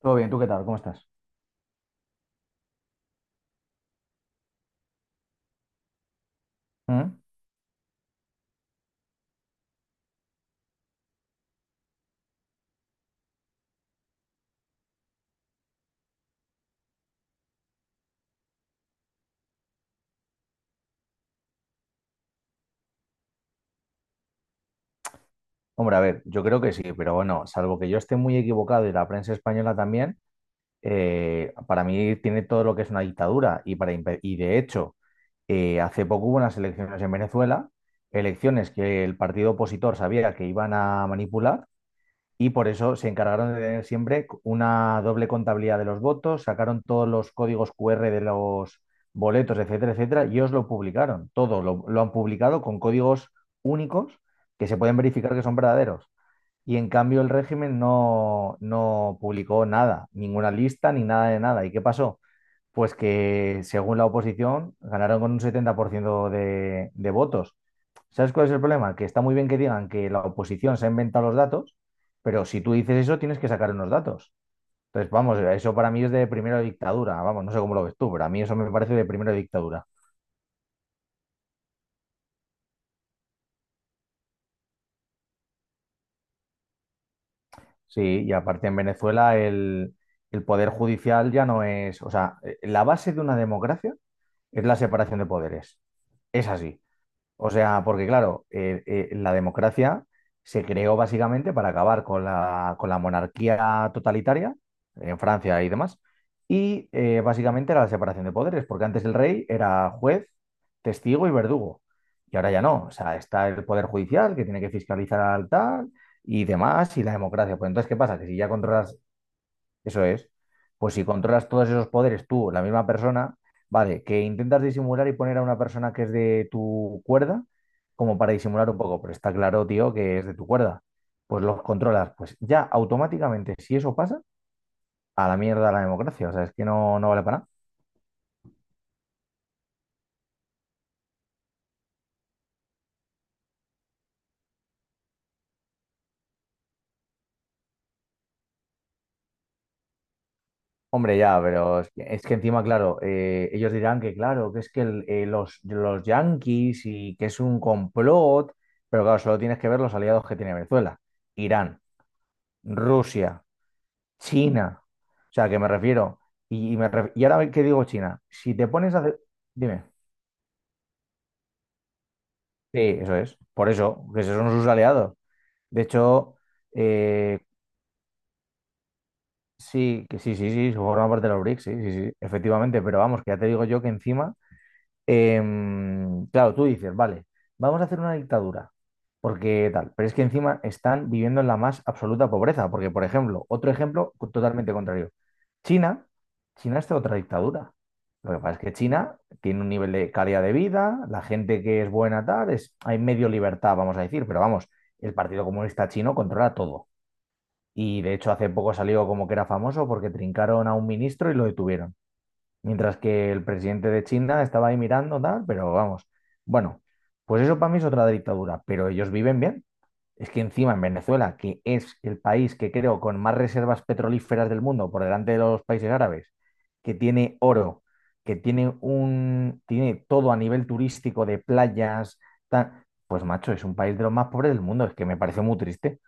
Todo bien, ¿tú qué tal? ¿Cómo estás? ¿Mm? Hombre, a ver, yo creo que sí, pero bueno, salvo que yo esté muy equivocado y la prensa española también, para mí tiene todo lo que es una dictadura y, y de hecho, hace poco hubo unas elecciones en Venezuela, elecciones que el partido opositor sabía que iban a manipular y por eso se encargaron de tener siempre una doble contabilidad de los votos, sacaron todos los códigos QR de los boletos, etcétera, etcétera, y os lo publicaron. Todo lo han publicado con códigos únicos que se pueden verificar que son verdaderos. Y en cambio el régimen no publicó nada, ninguna lista ni nada de nada. ¿Y qué pasó? Pues que según la oposición ganaron con un 70% de votos. ¿Sabes cuál es el problema? Que está muy bien que digan que la oposición se ha inventado los datos, pero si tú dices eso tienes que sacar unos datos. Entonces, vamos, eso para mí es de primera dictadura. Vamos, no sé cómo lo ves tú, pero a mí eso me parece de primera dictadura. Sí, y aparte en Venezuela el poder judicial ya no es, o sea, la base de una democracia es la separación de poderes. Es así. O sea, porque claro, la democracia se creó básicamente para acabar con con la monarquía totalitaria en Francia y demás, y básicamente era la separación de poderes, porque antes el rey era juez, testigo y verdugo, y ahora ya no. O sea, está el poder judicial que tiene que fiscalizar al tal y demás, y la democracia. Pues entonces, ¿qué pasa? Que si ya controlas eso es. Pues si controlas todos esos poderes tú, la misma persona, vale, que intentas disimular y poner a una persona que es de tu cuerda, como para disimular un poco, pero está claro, tío, que es de tu cuerda. Pues los controlas. Pues ya automáticamente, si eso pasa, a la mierda la democracia. O sea, es que no, no vale para nada. Hombre, ya, pero es que encima, claro, ellos dirán que, claro, que es que los yanquis y que es un complot, pero claro, solo tienes que ver los aliados que tiene Venezuela. Irán, Rusia, China. O sea, que me refiero. Y, y ahora que digo China, si te pones a hacer... Dime. Sí, eso es. Por eso, que esos son sus aliados. De hecho, eh, sí, que sí, se forma parte de los BRICS, sí, efectivamente. Pero vamos, que ya te digo yo que encima claro, tú dices, vale, vamos a hacer una dictadura, porque tal, pero es que encima están viviendo en la más absoluta pobreza, porque, por ejemplo, totalmente contrario, China, China está en otra dictadura. Lo que pasa es que China tiene un nivel de calidad de vida, la gente que es buena tal, es, hay medio libertad, vamos a decir, pero vamos, el Partido Comunista Chino controla todo. Y de hecho hace poco salió como que era famoso porque trincaron a un ministro y lo detuvieron. Mientras que el presidente de China estaba ahí mirando, tal, pero vamos. Bueno, pues eso para mí es otra dictadura, pero ellos viven bien. Es que encima en Venezuela, que es el país que creo con más reservas petrolíferas del mundo por delante de los países árabes, que tiene oro, tiene todo a nivel turístico de playas, tal, pues macho, es un país de los más pobres del mundo. Es que me parece muy triste.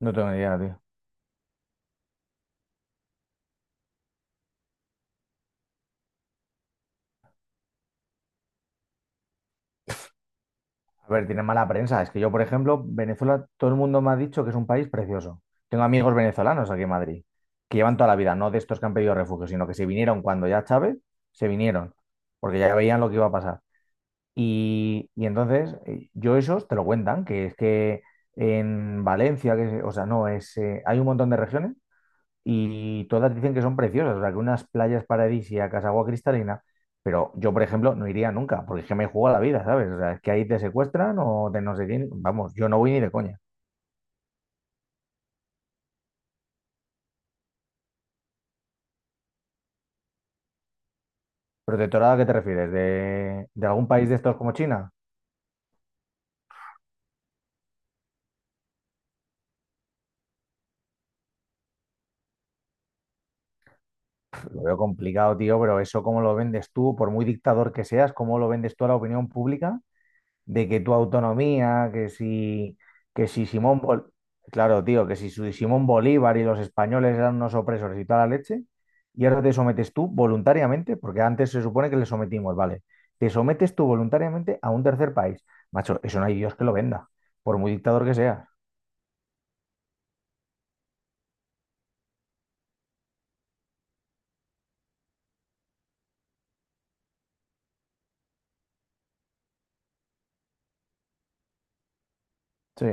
No tengo ni idea, tío. A ver, tiene mala prensa. Es que yo, por ejemplo, Venezuela, todo el mundo me ha dicho que es un país precioso. Tengo amigos venezolanos aquí en Madrid, que llevan toda la vida, no de estos que han pedido refugio, sino que se vinieron cuando ya Chávez, se vinieron, porque ya veían lo que iba a pasar. Y entonces, yo esos te lo cuentan, que es que en Valencia, que, es- o sea, no, es, hay un montón de regiones y todas dicen que son preciosas, o sea, que unas playas paradisíacas, agua cristalina, pero yo, por ejemplo, no iría nunca, porque es que me juego a la vida, ¿sabes? O sea, es que ahí te secuestran o te no sé quién, vamos, yo no voy ni de coña. ¿Protectorado a qué te refieres? De algún país de estos como China? Pff, lo veo complicado, tío, pero eso cómo lo vendes tú, por muy dictador que seas, cómo lo vendes tú a la opinión pública de que tu autonomía, que si, que si Simón Bol- claro, tío, que si su- Simón Bolívar y los españoles eran unos opresores y toda la leche, y ahora te sometes tú voluntariamente, porque antes se supone que le sometimos, vale, te sometes tú voluntariamente a un tercer país. Macho, eso no hay Dios que lo venda, por muy dictador que sea. Sí,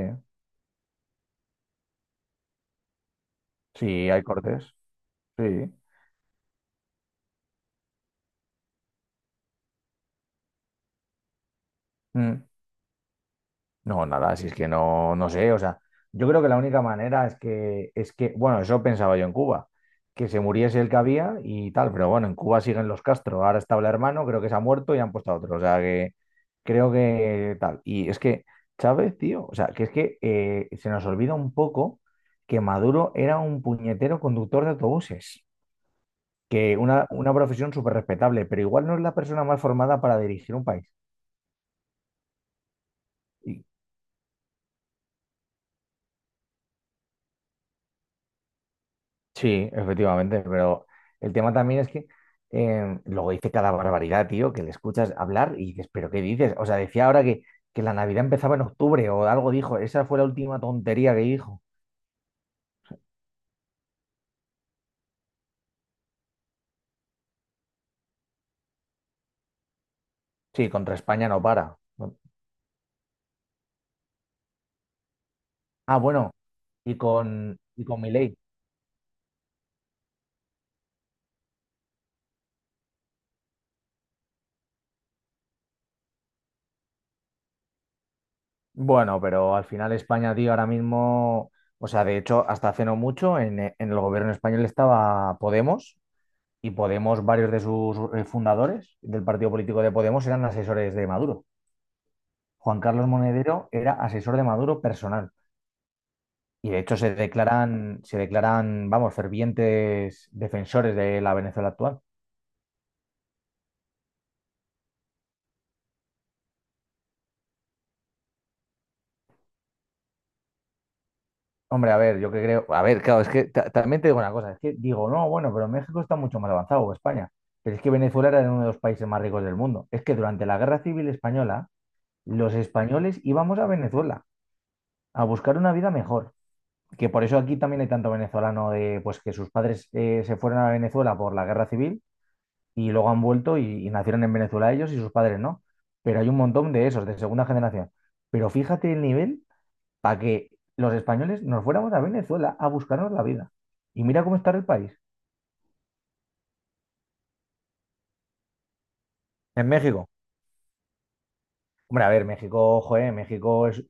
sí, hay cortes. Sí. Mm. No, nada, si es que no, no sé, o sea, yo creo que la única manera es que, bueno, eso pensaba yo en Cuba, que se muriese el que había y tal, pero bueno, en Cuba siguen los Castro, ahora está el hermano, creo que se ha muerto y han puesto a otro, o sea, que creo que tal. Y es que Chávez, tío, o sea, que es que se nos olvida un poco que Maduro era un puñetero conductor de autobuses, que una profesión súper respetable, pero igual no es la persona más formada para dirigir un país. Sí, efectivamente, pero el tema también es que luego dice cada barbaridad, tío, que le escuchas hablar y dices, ¿pero qué dices? O sea, decía ahora que la Navidad empezaba en octubre o algo dijo, esa fue la última tontería que dijo. Sí, contra España no para. Bueno, ah, bueno, y con Milei. Bueno, pero al final España, tío, ahora mismo, o sea, de hecho, hasta hace no mucho en el gobierno español estaba Podemos y Podemos, varios de sus fundadores del partido político de Podemos eran asesores de Maduro. Juan Carlos Monedero era asesor de Maduro personal. Y de hecho se declaran, vamos, fervientes defensores de la Venezuela actual. Hombre, a ver, yo que creo, a ver, claro, es que también te digo una cosa, es que digo, no, bueno, pero México está mucho más avanzado que España, pero es que Venezuela era uno de los países más ricos del mundo. Es que durante la Guerra Civil Española, los españoles íbamos a Venezuela a buscar una vida mejor, que por eso aquí también hay tanto venezolano de, pues que sus padres se fueron a Venezuela por la Guerra Civil y luego han vuelto y nacieron en Venezuela ellos y sus padres no. Pero hay un montón de esos, de segunda generación. Pero fíjate el nivel para que los españoles nos fuéramos a Venezuela a buscarnos la vida. Y mira cómo está el país. En México. Hombre, a ver, México, joder, México es...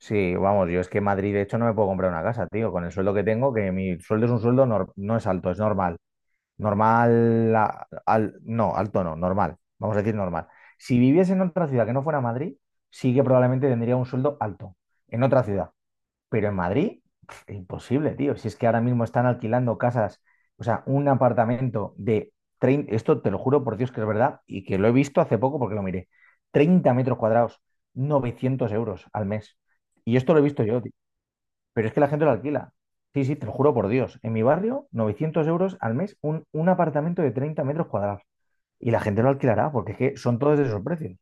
Sí, vamos, yo es que en Madrid, de hecho, no me puedo comprar una casa, tío, con el sueldo que tengo, que mi sueldo es un sueldo, no es alto, es normal. Normal, a- al, no, alto no, normal. Vamos a decir normal. Si viviese en otra ciudad que no fuera Madrid, sí que probablemente tendría un sueldo alto en otra ciudad. Pero en Madrid, pf, imposible, tío. Si es que ahora mismo están alquilando casas, o sea, un apartamento de treinta, esto te lo juro por Dios que es verdad y que lo he visto hace poco porque lo miré. 30 metros cuadrados, 900 euros al mes. Y esto lo he visto yo, tío. Pero es que la gente lo alquila. Sí, sí, te lo juro por Dios. En mi barrio, 900 euros al mes, un apartamento de 30 metros cuadrados. Y la gente lo alquilará, porque es que son todos de esos precios.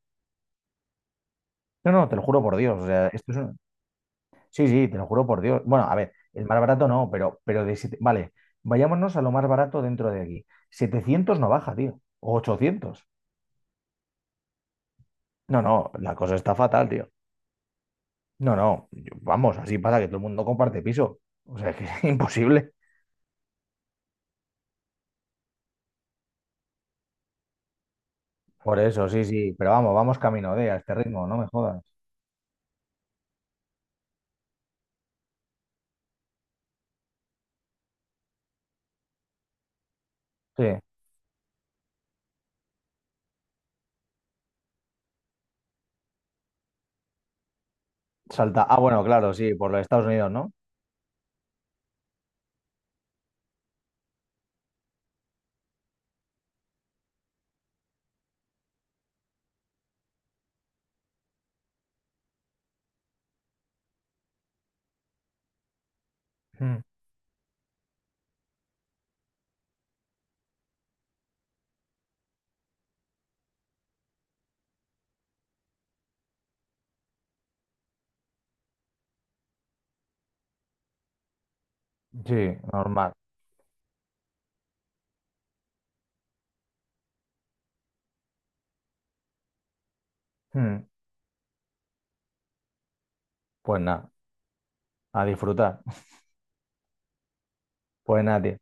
No, no, te lo juro por Dios, o sea, esto es un- Sí, sí, te lo juro por Dios. Bueno, a ver, el más barato no, pero de siete- Vale, vayámonos a lo más barato dentro de aquí. 700 no baja, tío. O 800. No, no, la cosa está fatal, tío. No, no, yo- vamos, así pasa que todo el mundo comparte piso. O sea, que es imposible. Por eso, sí, sí. Pero vamos, vamos camino de a este ritmo, no me jodas. Sí. Salta. Ah, bueno, claro, sí, por los Estados Unidos, ¿no? Mm. Sí, normal. Mm. Pues nada, a disfrutar. Pues nada, tío.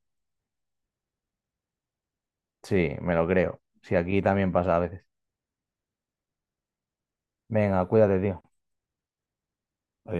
Sí, me lo creo. Sí, aquí también pasa a veces. Venga, cuídate, tío.